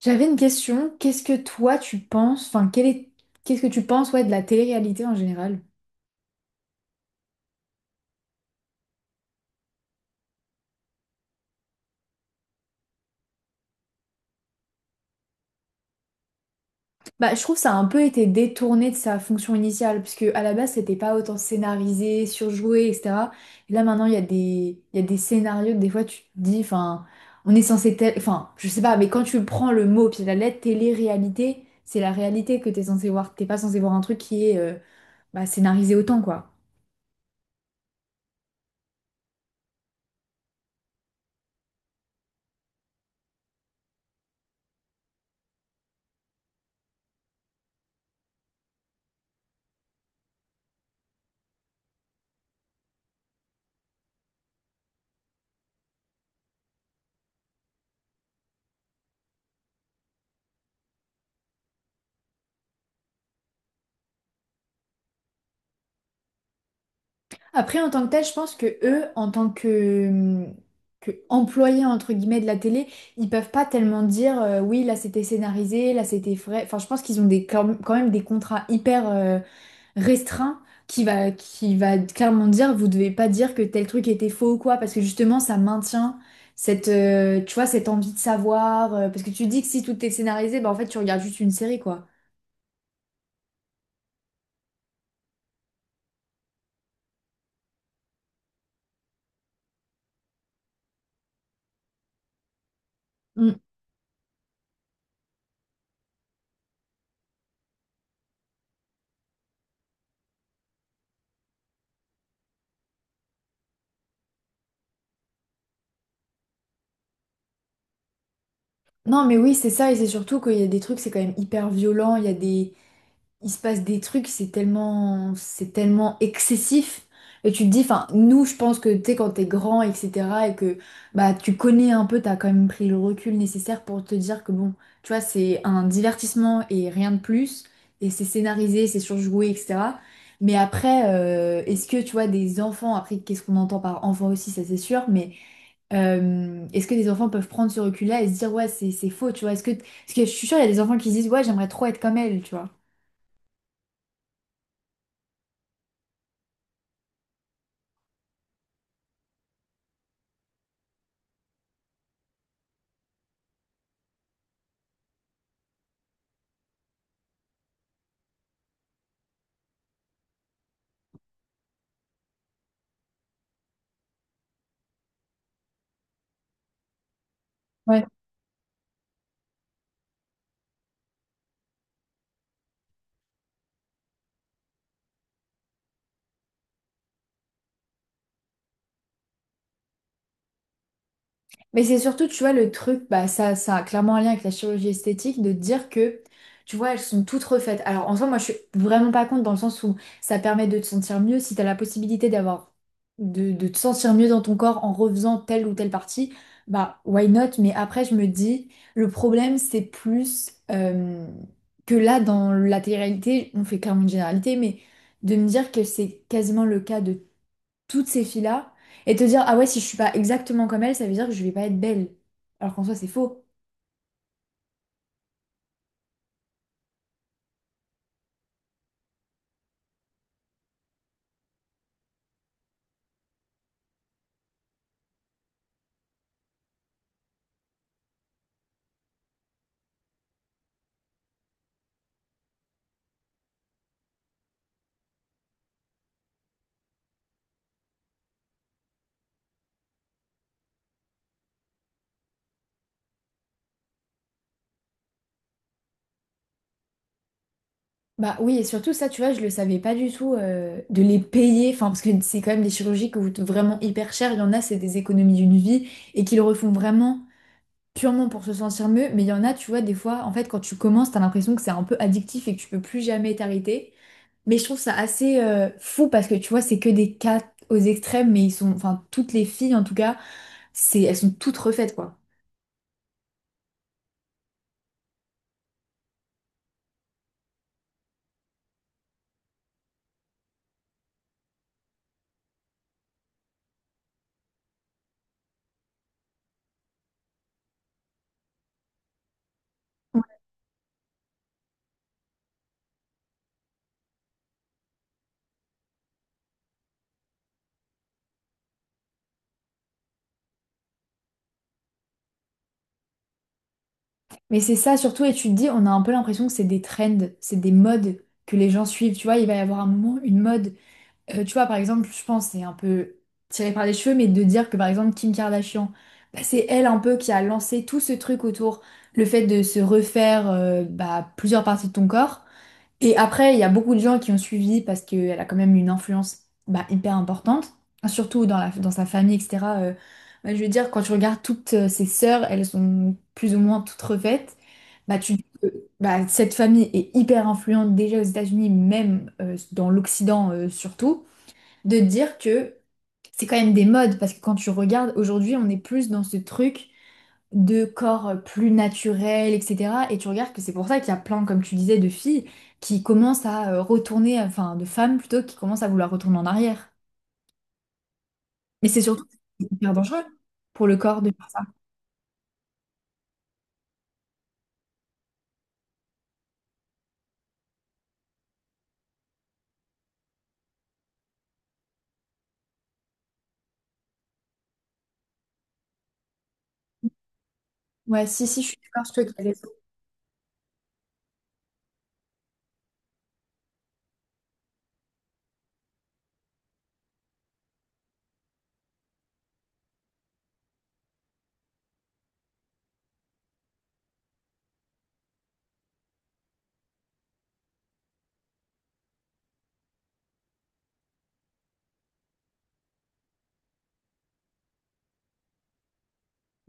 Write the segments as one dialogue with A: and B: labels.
A: J'avais une question. Qu'est-ce que toi tu penses, enfin, qu'est-ce que tu penses, ouais, de la télé-réalité en général? Bah, je trouve que ça a un peu été détourné de sa fonction initiale, parce que à la base, c'était pas autant scénarisé, surjoué, etc. Et là, maintenant, il y a des scénarios que des fois, tu te dis, enfin, on est censé, enfin, je sais pas, mais quand tu prends le mot, puis la lettre télé-réalité, c'est la réalité que t'es censé voir. T'es pas censé voir un truc qui est, bah, scénarisé autant, quoi. Après, en tant que tel, je pense que eux, en tant que, employés entre guillemets de la télé, ils peuvent pas tellement dire oui, là c'était scénarisé, là c'était vrai. Enfin, je pense qu'ils ont des, quand même des contrats hyper restreints qui va clairement dire vous devez pas dire que tel truc était faux ou quoi, parce que justement ça maintient, tu vois, cette envie de savoir. Parce que tu dis que si tout est scénarisé, bah en fait tu regardes juste une série quoi. Non, mais oui, c'est ça, et c'est surtout qu'il y a des trucs, c'est quand même hyper violent, il se passe des trucs, c'est tellement excessif. Et tu te dis, enfin, nous, je pense que, tu sais, quand t'es grand, etc., et que, bah, tu connais un peu, t'as quand même pris le recul nécessaire pour te dire que, bon, tu vois, c'est un divertissement et rien de plus, et c'est scénarisé, c'est surjoué, etc. Mais après, est-ce que, tu vois, des enfants, après, qu'est-ce qu'on entend par enfant aussi, ça c'est sûr, mais. Est-ce que des enfants peuvent prendre ce recul-là et se dire, ouais, c'est faux, tu vois? Est-ce que, parce que je suis sûre, il y a des enfants qui se disent, ouais, j'aimerais trop être comme elle, tu vois? Mais c'est surtout, tu vois, le truc, bah, ça a clairement un lien avec la chirurgie esthétique, de dire que, tu vois, elles sont toutes refaites. Alors, en soi, moi, je suis vraiment pas contre dans le sens où ça permet de te sentir mieux si t'as la possibilité d'avoir, de te sentir mieux dans ton corps en refaisant telle ou telle partie, bah, why not? Mais après, je me dis, le problème, c'est plus que là, dans la télé-réalité, on fait clairement une généralité, mais de me dire que c'est quasiment le cas de toutes ces filles-là et te dire, ah ouais, si je suis pas exactement comme elles, ça veut dire que je vais pas être belle. Alors qu'en soi, c'est faux. Bah oui, et surtout ça, tu vois, je le savais pas du tout de les payer, enfin parce que c'est quand même des chirurgies qui coûtent vraiment hyper cher. Il y en a, c'est des économies d'une vie et qui le refont vraiment purement pour se sentir mieux. Mais il y en a, tu vois, des fois, en fait, quand tu commences, t'as l'impression que c'est un peu addictif et que tu peux plus jamais t'arrêter. Mais je trouve ça assez fou parce que tu vois, c'est que des cas aux extrêmes, mais ils sont, enfin toutes les filles en tout cas, c'est, elles sont toutes refaites quoi. Mais c'est ça surtout, et tu te dis, on a un peu l'impression que c'est des trends, c'est des modes que les gens suivent. Tu vois, il va y avoir un moment, une mode. Tu vois, par exemple, je pense, c'est un peu tiré par les cheveux, mais de dire que par exemple, Kim Kardashian, bah, c'est elle un peu qui a lancé tout ce truc autour le fait de se refaire bah, plusieurs parties de ton corps. Et après, il y a beaucoup de gens qui ont suivi parce qu'elle a quand même une influence bah, hyper importante, surtout dans sa famille, etc. Bah, je veux dire, quand tu regardes toutes ses sœurs, elles sont plus ou moins toutes refaites. Bah, euh, cette famille est hyper influente déjà aux États-Unis, même dans l'Occident surtout, de dire que c'est quand même des modes, parce que quand tu regardes, aujourd'hui, on est plus dans ce truc de corps plus naturel, etc. Et tu regardes que c'est pour ça qu'il y a plein, comme tu disais, de filles qui commencent à retourner, enfin, de femmes plutôt, qui commencent à vouloir retourner en arrière. Mais c'est surtout hyper dangereux pour le corps de faire ça. Ouais, si, si, je suis d'accord, je te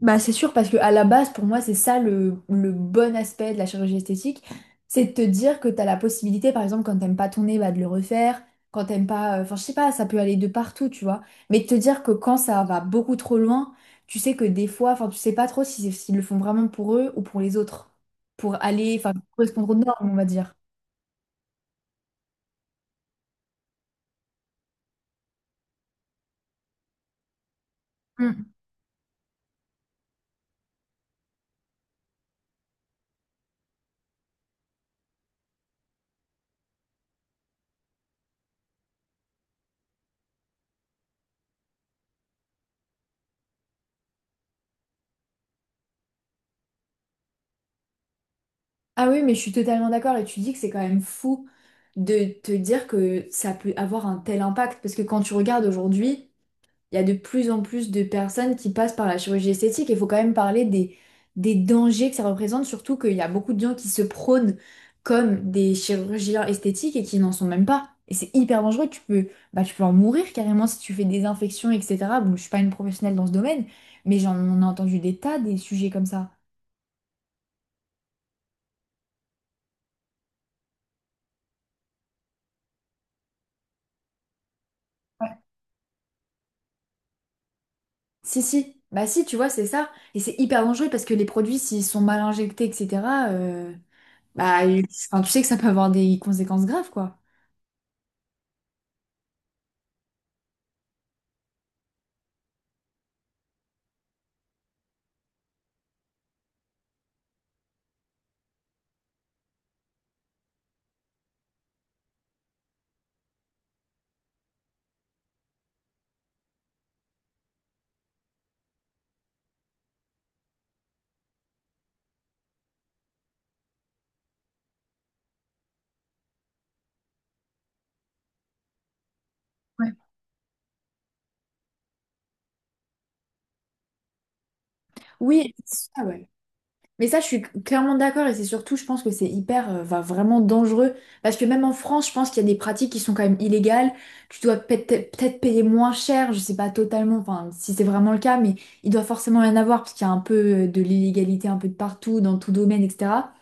A: Bah, c'est sûr, parce que à la base, pour moi, c'est ça le bon aspect de la chirurgie esthétique. C'est de te dire que tu as la possibilité, par exemple, quand t'aimes pas ton nez, bah, de le refaire. Quand t'aimes pas. Enfin, je sais pas, ça peut aller de partout, tu vois. Mais de te dire que quand ça va beaucoup trop loin, tu sais que des fois, enfin, tu sais pas trop si s'ils le font vraiment pour eux ou pour les autres. Pour aller, enfin, correspondre aux normes, on va dire. Mm. Ah oui, mais je suis totalement d'accord. Et tu dis que c'est quand même fou de te dire que ça peut avoir un tel impact. Parce que quand tu regardes aujourd'hui, il y a de plus en plus de personnes qui passent par la chirurgie esthétique. Il faut quand même parler des dangers que ça représente, surtout qu'il y a beaucoup de gens qui se prônent comme des chirurgiens esthétiques et qui n'en sont même pas. Et c'est hyper dangereux, bah, tu peux en mourir carrément si tu fais des infections, etc. Bon, je suis pas une professionnelle dans ce domaine, mais j'en ai entendu des tas des sujets comme ça. Si, si, bah si, tu vois, c'est ça. Et c'est hyper dangereux parce que les produits, s'ils sont mal injectés, etc., euh, bah, enfin, tu sais que ça peut avoir des conséquences graves, quoi. Oui, c'est ça, ouais. Mais ça, je suis clairement d'accord et c'est surtout, je pense que c'est hyper, va vraiment dangereux parce que même en France, je pense qu'il y a des pratiques qui sont quand même illégales. Tu dois peut-être payer moins cher, je sais pas totalement, enfin si c'est vraiment le cas, mais il doit forcément y en avoir parce qu'il y a un peu de l'illégalité un peu de partout, dans tout domaine, etc.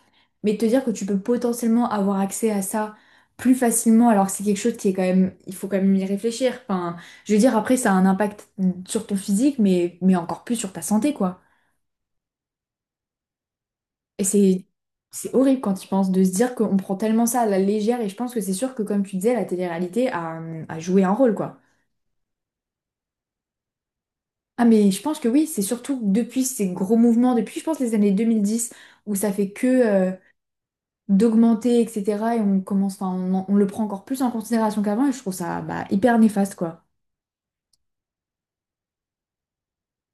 A: Mais te dire que tu peux potentiellement avoir accès à ça plus facilement, alors que c'est quelque chose qui est quand même, il faut quand même y réfléchir. Enfin, je veux dire, après, ça a un impact sur ton physique, mais encore plus sur ta santé, quoi. Et c'est horrible quand tu penses de se dire qu'on prend tellement ça à la légère et je pense que c'est sûr que comme tu disais, la télé-réalité a joué un rôle quoi. Ah mais je pense que oui, c'est surtout depuis ces gros mouvements, depuis je pense les années 2010 où ça fait que d'augmenter etc. et on commence, enfin on le prend encore plus en considération qu'avant et je trouve ça bah, hyper néfaste quoi.